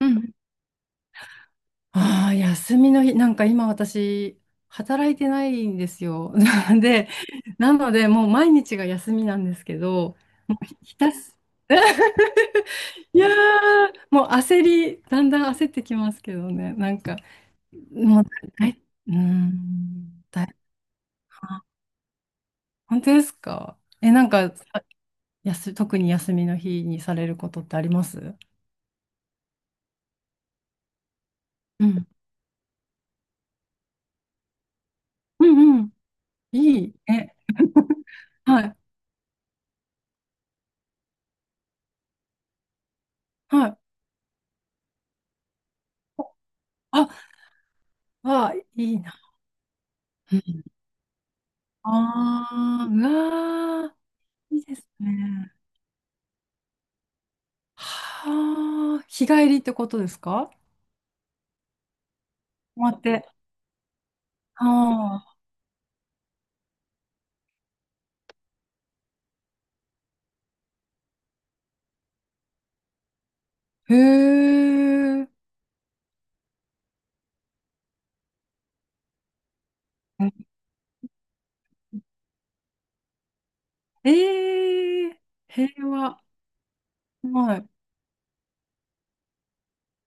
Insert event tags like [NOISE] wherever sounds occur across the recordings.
うん。ああ、休みの日、なんか今私、働いてないんですよ。[LAUGHS] で、なので、もう毎日が休みなんですけど、もうひたす、[LAUGHS] いやー、もう焦り、だんだん焦ってきますけどね、なんか、もう、だい、うーん、だい、あ、本当ですか？え、なんか、さやす、特に休みの日にされることってあります？うん。うんうん。いい。え、[LAUGHS] はい。はい。あ、わあ、いいな。うん。ああ、うわあ、いいですね。はあ、日帰りってことですか？泊まって。ああ、へえ、ええ、平和。はい。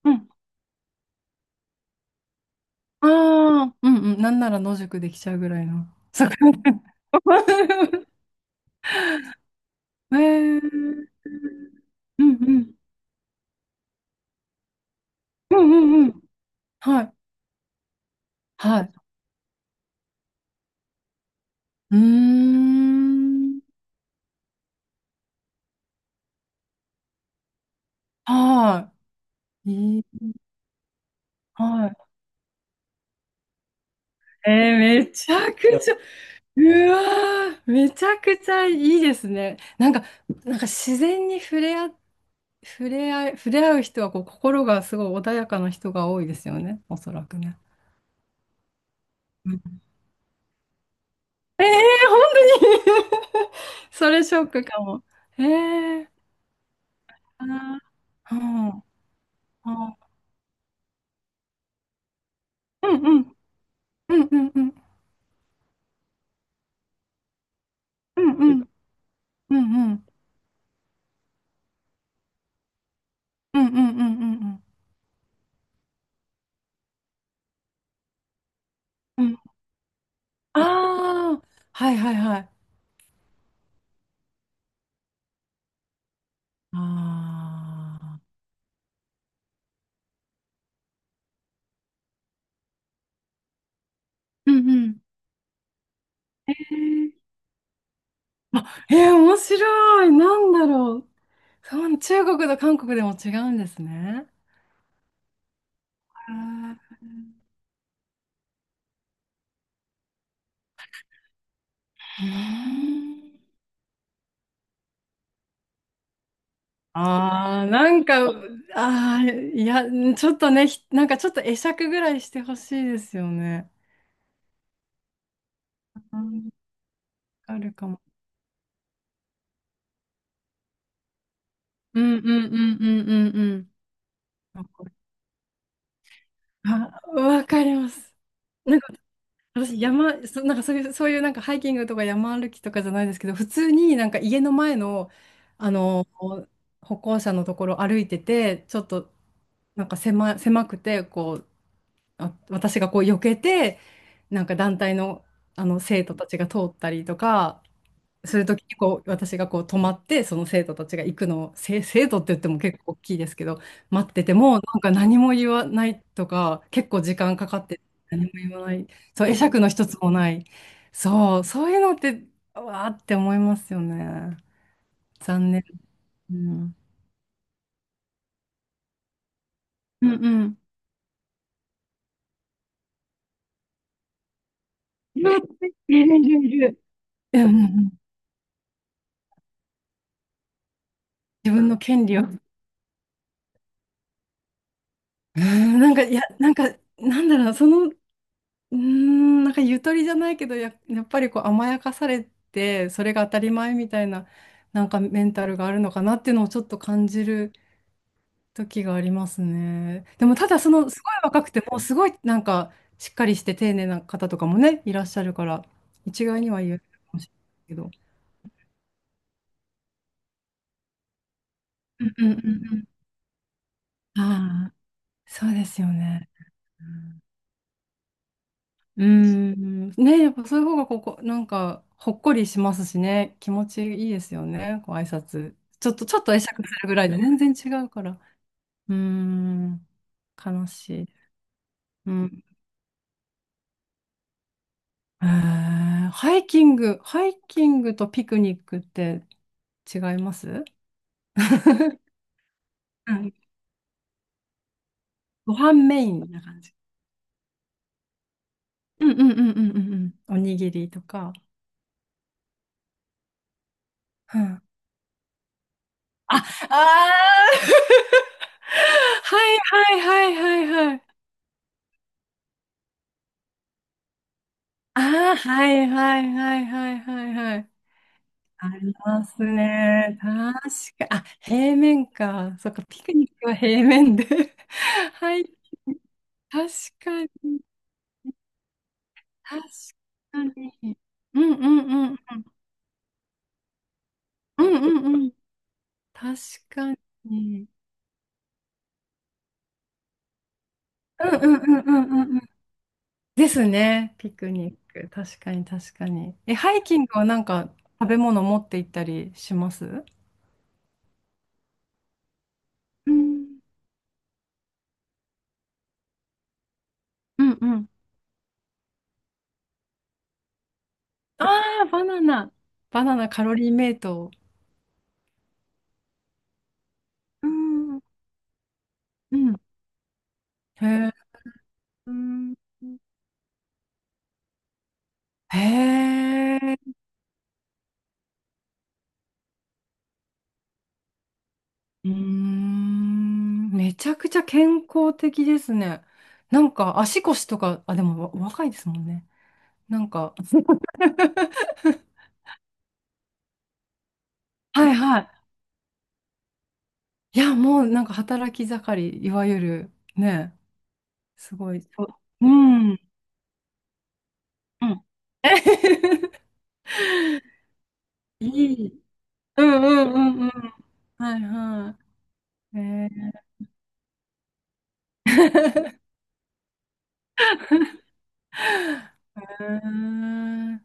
うん。ああ、うんうん。なんなら野宿できちゃうぐらいの。そこ。[LAUGHS] ええ、うんうん。うんうんうん。はい。はい。うーん。はい。いい。はい。えー、めちゃくちゃ、うわー、めちゃくちゃいいですね。なんか、自然に触れ合う人はこう心がすごい穏やかな人が多いですよね、おそらくね。うん。えー、本当に。 [LAUGHS] それショックかも。えー、あー、うん、あー、うん、うん、うん、うん、うん、うん、うん、うん、うん、うん、うん、うん、うん、うん、ああー、はいはいはい、ああ、うんうん。えー、面白い。なんだろう。そう、中国と韓国でも違うんですね。あ、うーん、ああ、なんか、ああ、いや、ちょっとね、なんかちょっと会釈ぐらいしてほしいですよね。うん、あるかも。うんうんうんうんうんうん。わかわかります。なんか私山、そ、なんかそういうなんかハイキングとか山歩きとかじゃないですけど、普通になんか家の前の、あの、歩行者のところ歩いてて、ちょっとなんか狭くて、こう、あ、私がこう避けて、なんか団体の、あの生徒たちが通ったりとか、するときにこう私がこう止まってその生徒たちが行くのを生徒って言っても結構大きいですけど、待っててもなんか何も言わないとか結構時間かかって、何も言わない。そう、会釈の一つもない。そう、そういうのって、わーって思いますよね。残念。うん、うんうん、いるいるいるいる。うんうんうん。自分の権利を。うん。 [LAUGHS] なんか、いや、なんか、なんだろう、その、うーん、なんかゆとりじゃないけど、やっぱりこう甘やかされて、それが当たり前みたいな、なんかメンタルがあるのかなっていうのをちょっと感じる時がありますね。でもただその、すごい若くても、すごいなんかしっかりして丁寧な方とかもね、いらっしゃるから、一概には言えるかもしれないけど。うんうんうんうん。ああ、そうですよね。うん。うーん。ね、やっぱそういう方がここ、なんか、ほっこりしますしね。気持ちいいですよね。こう挨拶。ちょっと、ちょっと会釈するぐらいで全然違うから。うーん。悲しい。うん。えー、ハイキング、ハイキングとピクニックって違います？ [LAUGHS] うん。ご飯メインな感じ。うんうんうんうんうんうん。おにぎりとか。うん。あ、ああー。 [LAUGHS] はいはいはいはいはい。ああ、はいはいはいはいはいはい。ありますね。確か、あ、平面か。そっか、ピクニックは平面で。[LAUGHS] はい。確かに、確かに。うんうんうん。うんうんうん。確かに。うんうんうんうんうんうん。ですね。ピクニック。確かに確かに。え、ハイキングはなんか食べ物持って行ったりします？うんうんうん。ああ、バナナ。バナナカロリーメイト。うん。うん。へえ。うん。へえ。うーん。めちゃくちゃ健康的ですね。なんか足腰とか、あ、でも若いですもんね。なんか。[LAUGHS] はいはい。いや、もうなんか働き盛り、いわゆる、ね、すごい。そう、うん。うん。[LAUGHS] いい。うんうんうんうん。はいはい。えー、[LAUGHS] えー、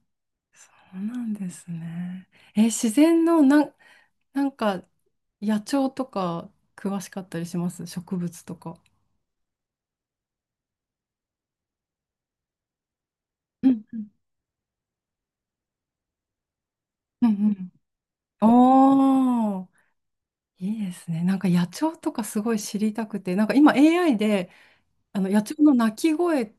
そうなんですね。えー、自然のなん、なんか野鳥とか詳しかったりします？植物とか。うんうんうんうん。おー、いいですね。なんか野鳥とかすごい知りたくて、なんか今 AI であの野鳥の鳴き声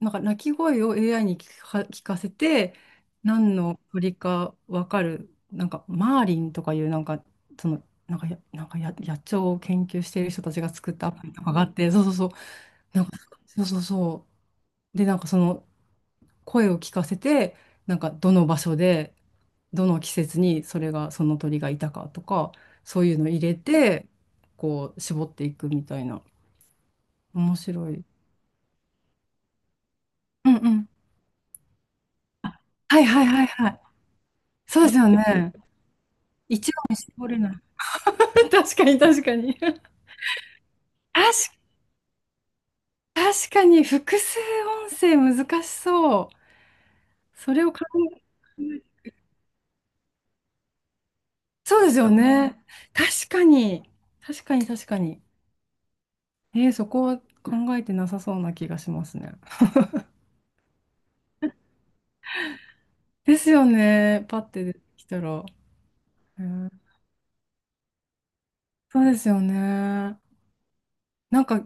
なんか鳴き声を AI に聞かせて、何の鳥か分かる、なんかマーリンとかいう、なんか、その、なんかや、なんかや、野鳥を研究している人たちが作ったアプリとかがあって、そうそうそう、なんか、そうそうそう。で、なんかその声を聞かせて、なんかどの場所で、どの季節にそれが、その鳥がいたかとか、そういうの入れて、こう、絞っていくみたいな。面白い。うんうん。はいはいはいはい。そうですよね。一話に絞れない。[LAUGHS] 確かに確かに。確かに複数音声難しそう。それを考え、そうですよね。確かに。確かに確かに。えー、そこは考えてなさそうな気がしますね。ですよね。パッて出てきたら。えー、そうですよね。なんか、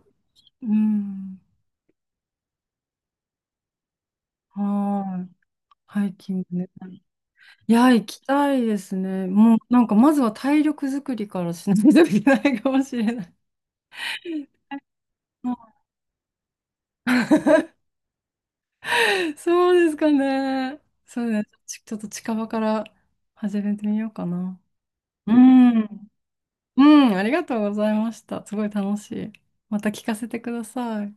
うん。はーい。ハイキングね。いや、行きたいですね。もう、なんか、まずは体力作りからしないといけないかもしれない。[LAUGHS] あ、そうですかね。そうね。ちょっと近場から始めてみようかな。うん。うん、ありがとうございました。すごい楽しい。また聞かせてください。